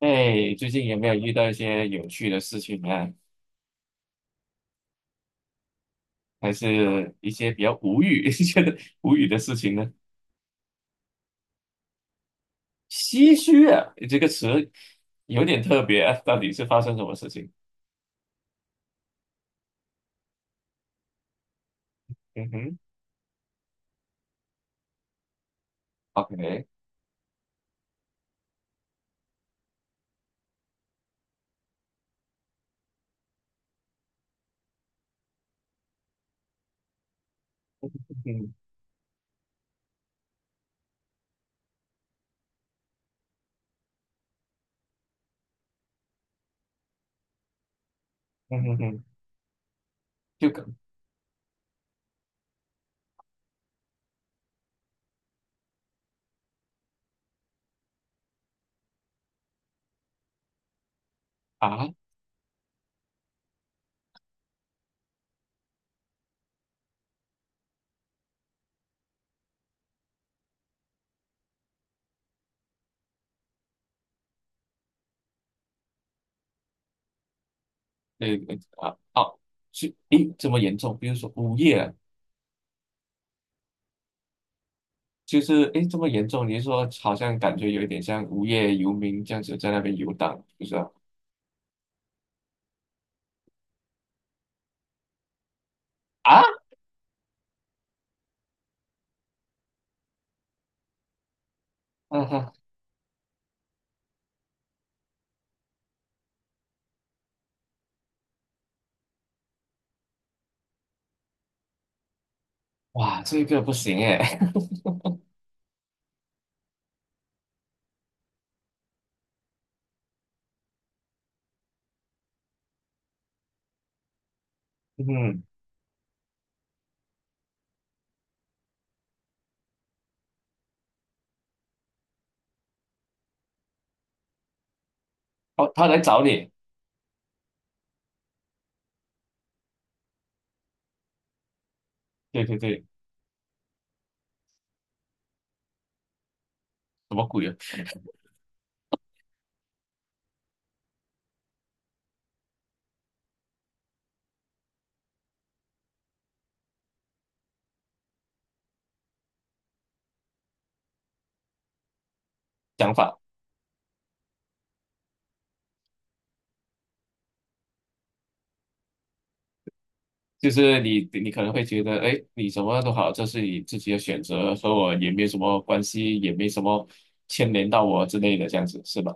哎，最近有没有遇到一些有趣的事情呢？还是一些比较无语、觉得无语的事情呢？唏嘘啊，这个词有点特别啊，到底是发生什么事情？嗯哼，OK，嗯哼，嗯哼哼，就可啊，个啊，哦，是，诶，这么严重？比如说无业啊，就是诶，这么严重？你是说好像感觉有一点像无业游民这样子在那边游荡，就是啊，嗯哼，哇，这个不行诶，嗯。哦，他来找你，对对对，什么鬼啊？想法就是你，你可能会觉得，哎，你什么都好，这是你自己的选择，和我也没什么关系，也没什么牵连到我之类的，这样子是吧？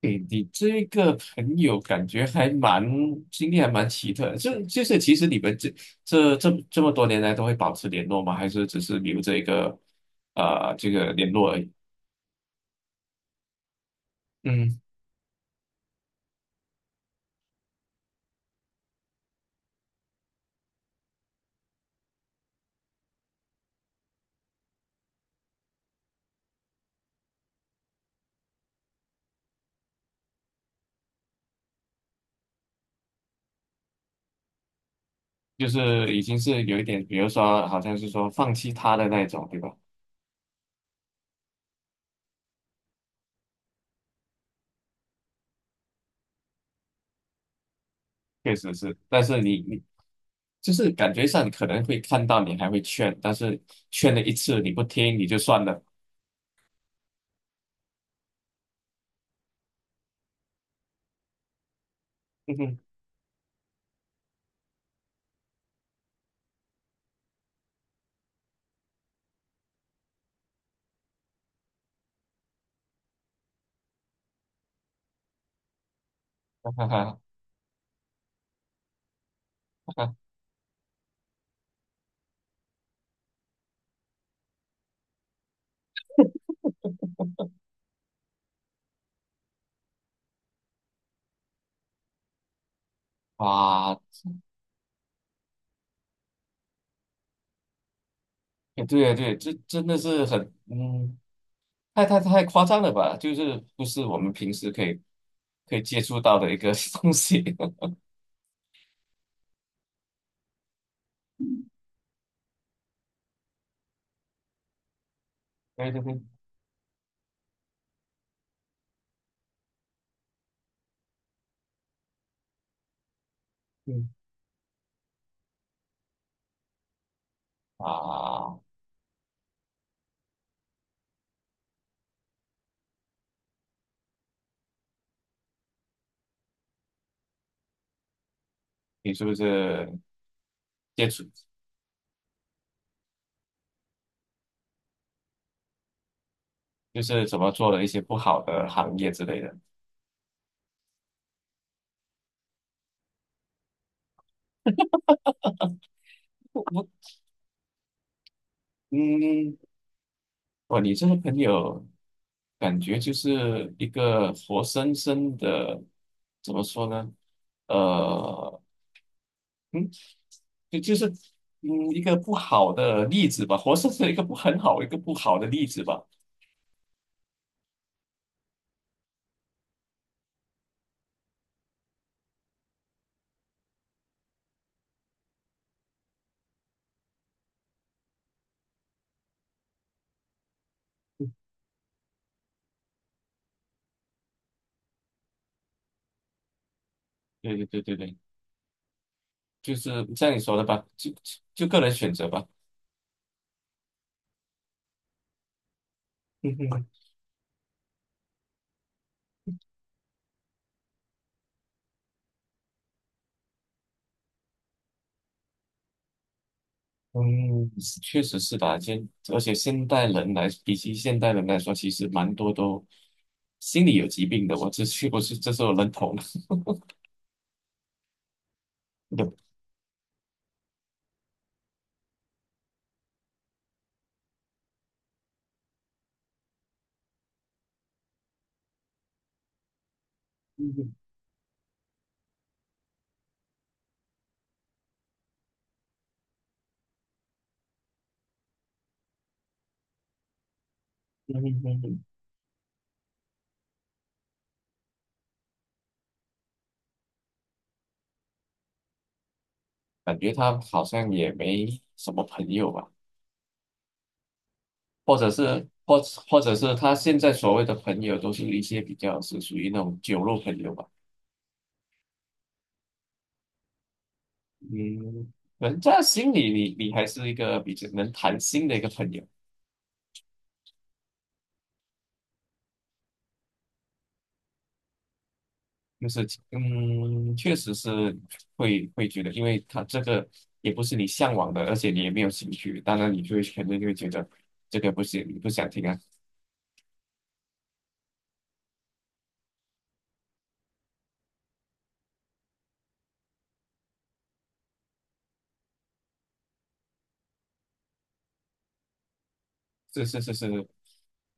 对，你这个朋友感觉还蛮经历还蛮奇特的就就是其实你们这这么多年来都会保持联络吗？还是只是留这个呃这个联络而已？嗯，就是已经是有一点，比如说好像是说放弃他的那一种，对吧？确实是，但是你你就是感觉上可能会看到你还会劝，但是劝了一次你不听你就算了，哼哼，哈哈哈哈哈，哇，哎对啊对，这真的是很嗯，太太太夸张了吧？就是不是我们平时可以可以接触到的一个 东西，对对对，嗯啊，你是不是接触就是怎么做了一些不好的行业之类的？我嗯，哇，你这个朋友感觉就是一个活生生的，怎么说呢？呃，嗯，就就是嗯一个不好的例子吧，活生生一个不很好一个不好的例子吧。对对对对对，就是像你说的吧，就就个人选择吧。嗯哼，嗯，确实是吧。现而且现代人来，比起现代人来说，其实蛮多都心理有疾病的。我这是不是这是我认同的。嗯嗯嗯嗯嗯感觉他好像也没什么朋友吧，或者是或或者是他现在所谓的朋友都是一些比较是属于那种酒肉朋友吧。嗯，人家心里你你还是一个比较能谈心的一个朋友，就是嗯，确实是会会觉得，因为他这个也不是你向往的，而且你也没有兴趣，当然你就会 肯定就会觉得这个不行，你不想听啊。是是是是，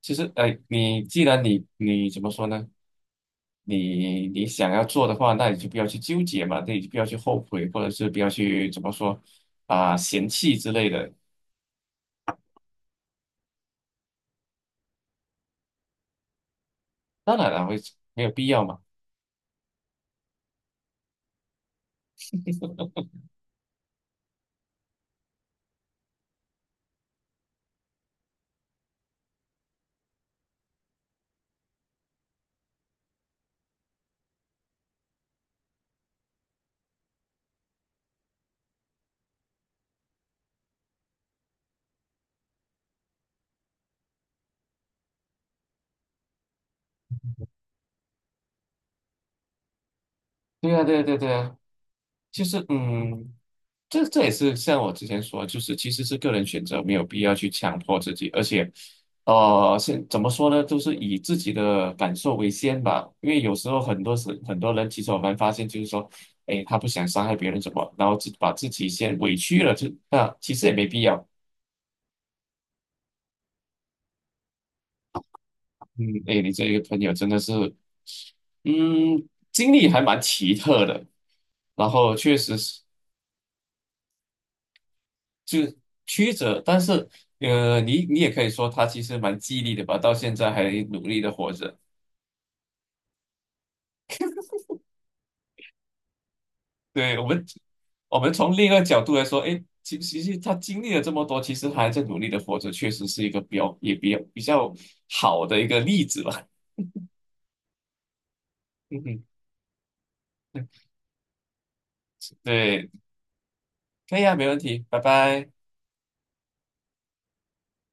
其实哎，你既然你你怎么说呢？你你想要做的话，那你就不要去纠结嘛，那你就不要去后悔，或者是不要去怎么说啊、嫌弃之类的。当然了，会没有必要嘛。对啊，对呀对呀对啊，就是嗯，这这也是像我之前说，就是其实是个人选择，没有必要去强迫自己，而且，呃，现怎么说呢，就是以自己的感受为先吧，因为有时候很多时很多人其实我们发现就是说，哎，他不想伤害别人什么，然后自把自己先委屈了，就那其实也没必要。嗯，哎，你这个朋友真的是，嗯，经历还蛮奇特的，然后确实是。就曲折，但是呃，你你也可以说他其实蛮激励的吧，到现在还努力的活着。对，我们，我们从另一个角度来说，哎，其其实他经历了这么多，其实还在努力的活着，确实是一个比较也比较比较好的一个例子吧。嗯哼，对，可以啊，没问题，拜拜。